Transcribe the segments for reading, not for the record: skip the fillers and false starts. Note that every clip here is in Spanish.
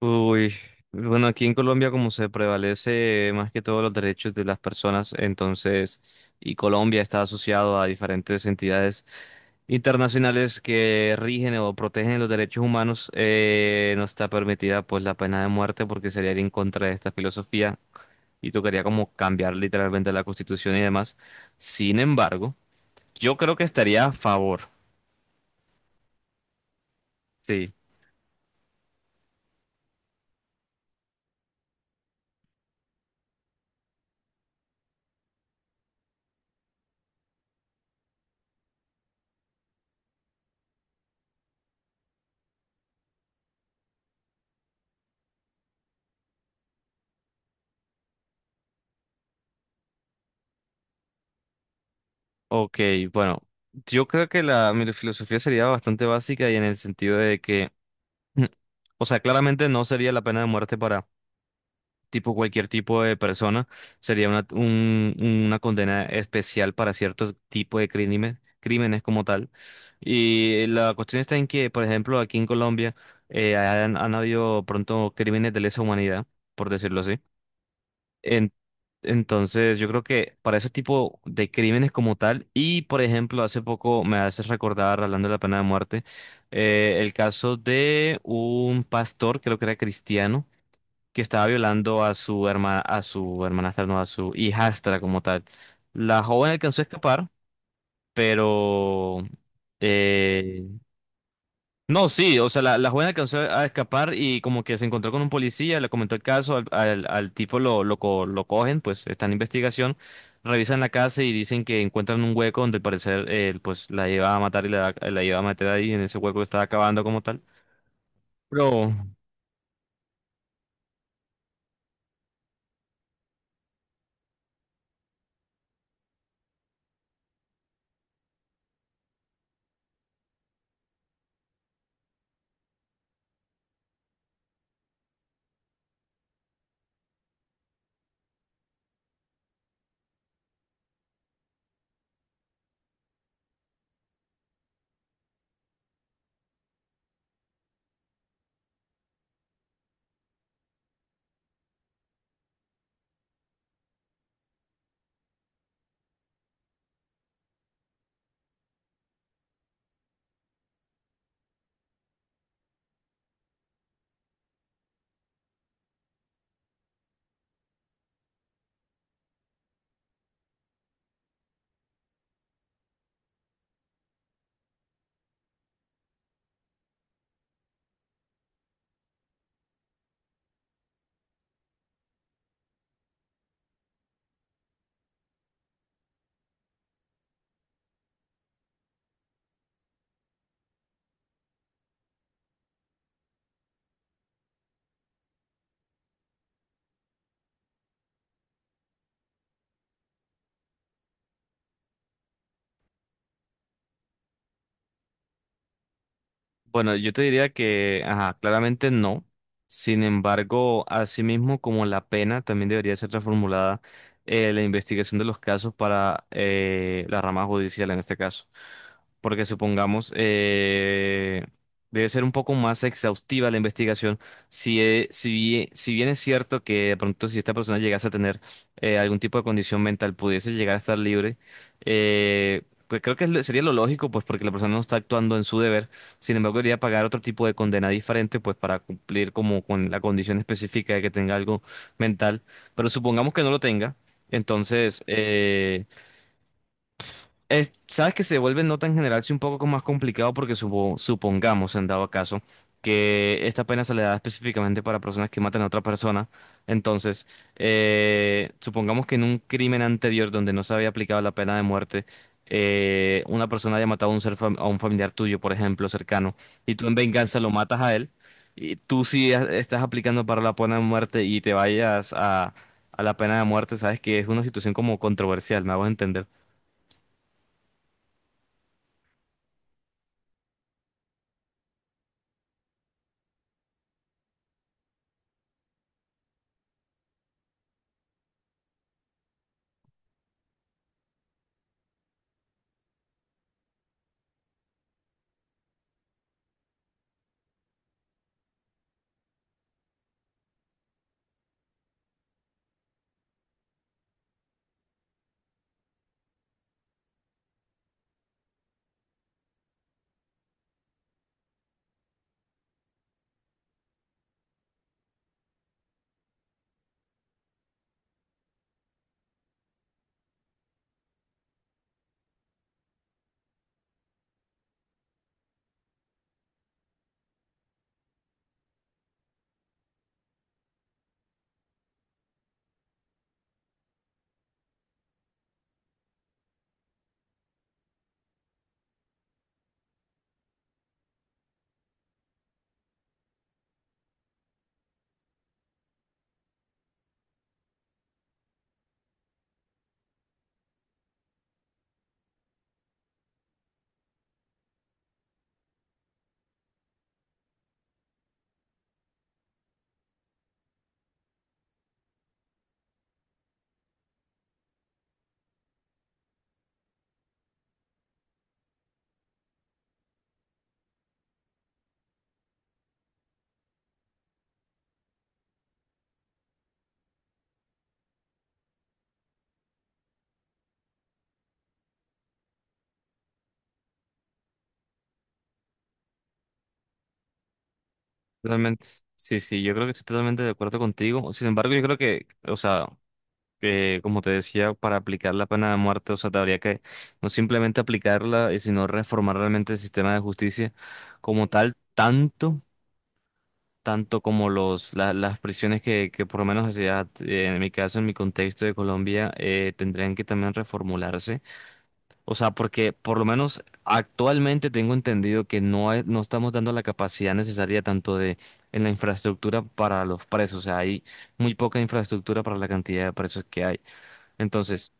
Uy, bueno, aquí en Colombia como se prevalece más que todo los derechos de las personas, entonces, y Colombia está asociado a diferentes entidades internacionales que rigen o protegen los derechos humanos, no está permitida pues la pena de muerte porque sería ir en contra de esta filosofía y tocaría como cambiar literalmente la constitución y demás. Sin embargo, yo creo que estaría a favor. Sí. Ok, bueno, yo creo que mi filosofía sería bastante básica y en el sentido de que, o sea, claramente no sería la pena de muerte para tipo cualquier tipo de persona, sería una condena especial para ciertos tipos de crímenes, crímenes como tal. Y la cuestión está en que, por ejemplo, aquí en Colombia han habido pronto crímenes de lesa humanidad, por decirlo así. En- entonces, yo creo que para ese tipo de crímenes como tal, y por ejemplo, hace poco me haces recordar, hablando de la pena de muerte, el caso de un pastor, creo que era cristiano, que estaba violando a su hermana, a su hermanastra, no, a su hijastra como tal. La joven alcanzó a escapar, pero eh, no, sí, o sea, la joven alcanzó a escapar y como que se encontró con un policía, le comentó el caso, al tipo lo cogen, pues está en investigación, revisan la casa y dicen que encuentran un hueco donde al parecer él pues la iba a matar y la iba a meter ahí en ese hueco que estaba acabando como tal. Pero bueno, yo te diría que, ajá, claramente no. Sin embargo, asimismo como la pena también debería ser reformulada la investigación de los casos para la rama judicial en este caso. Porque supongamos, debe ser un poco más exhaustiva la investigación. Si bien es cierto que de pronto si esta persona llegase a tener algún tipo de condición mental, pudiese llegar a estar libre, pues creo que es sería lo lógico, pues porque la persona no está actuando en su deber, sin embargo, debería pagar otro tipo de condena diferente, pues para cumplir como con la condición específica de que tenga algo mental. Pero supongamos que no lo tenga, entonces, sabes que se vuelve nota en general sí un poco más complicado porque supongamos, en dado caso, que esta pena se le da específicamente para personas que matan a otra persona. Entonces, supongamos que en un crimen anterior donde no se había aplicado la pena de muerte, una persona haya matado a a un familiar tuyo, por ejemplo, cercano, y tú en venganza lo matas a él, y estás aplicando para la pena de muerte y te vayas a la pena de muerte, sabes que es una situación como controversial, me hago entender. Totalmente. Sí, sí, yo creo que estoy totalmente de acuerdo contigo. Sin embargo, yo creo que, o sea, que, como te decía, para aplicar la pena de muerte, o sea, te habría que no simplemente aplicarla, sino reformar realmente el sistema de justicia como tal, tanto como las prisiones que por lo menos, o sea, en mi caso, en mi contexto de Colombia, tendrían que también reformularse. O sea, porque por lo menos actualmente tengo entendido que no estamos dando la capacidad necesaria tanto de en la infraestructura para los presos. O sea, hay muy poca infraestructura para la cantidad de presos que hay. Entonces,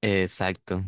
exacto.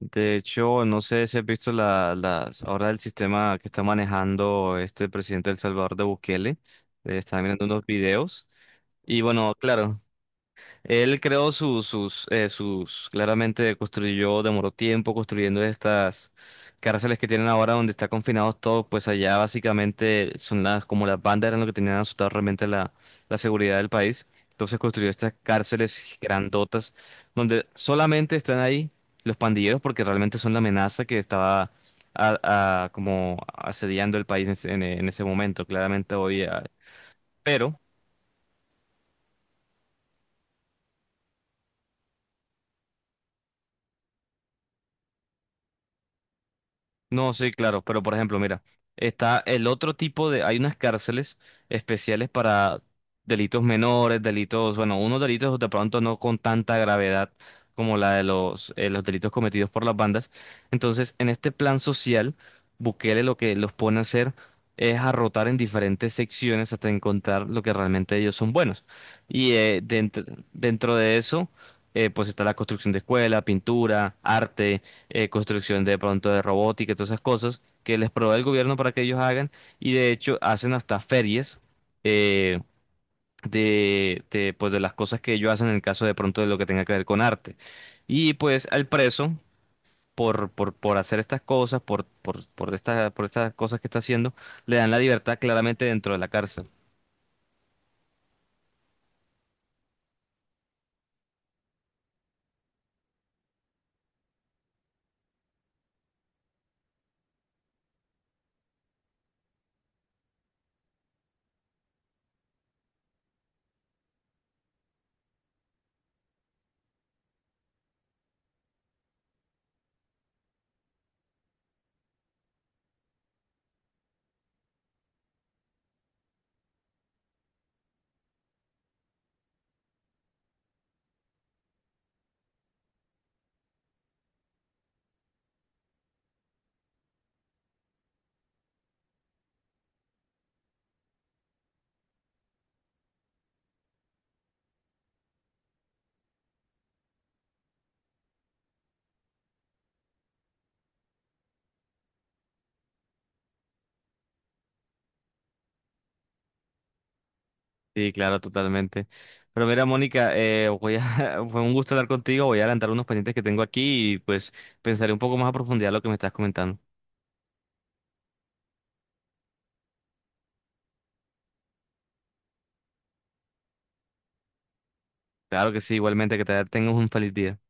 De hecho, no sé si has visto las ahora el sistema que está manejando este presidente del Salvador de Bukele. Estaba mirando unos videos. Y bueno, claro. Él creó claramente construyó, demoró tiempo construyendo estas cárceles que tienen ahora donde está confinados todos, pues allá básicamente son las, como las bandas eran lo que tenían asustado realmente la seguridad del país. Entonces construyó estas cárceles grandotas donde solamente están ahí los pandilleros porque realmente son la amenaza que estaba como asediando el país en en ese momento, claramente hoy. Pero... No, sí, claro, pero por ejemplo, mira, está el otro tipo de, hay unas cárceles especiales para delitos menores, delitos, bueno, unos delitos de pronto no con tanta gravedad como la de los delitos cometidos por las bandas. Entonces, en este plan social, Bukele lo que los pone a hacer es a rotar en diferentes secciones hasta encontrar lo que realmente ellos son buenos. Y dentro de eso, pues está la construcción de escuela, pintura, arte, construcción de pronto de robótica y todas esas cosas que les provee el gobierno para que ellos hagan, y de hecho hacen hasta ferias eh, pues, de las cosas que ellos hacen en el caso de pronto de lo que tenga que ver con arte. Y pues al preso, por hacer estas cosas, por estas cosas que está haciendo, le dan la libertad claramente dentro de la cárcel. Sí, claro, totalmente. Pero mira, Mónica, voy a, fue un gusto hablar contigo, voy a adelantar unos pendientes que tengo aquí y pues pensaré un poco más a profundidad lo que me estás comentando. Claro que sí, igualmente que te tengas un feliz día.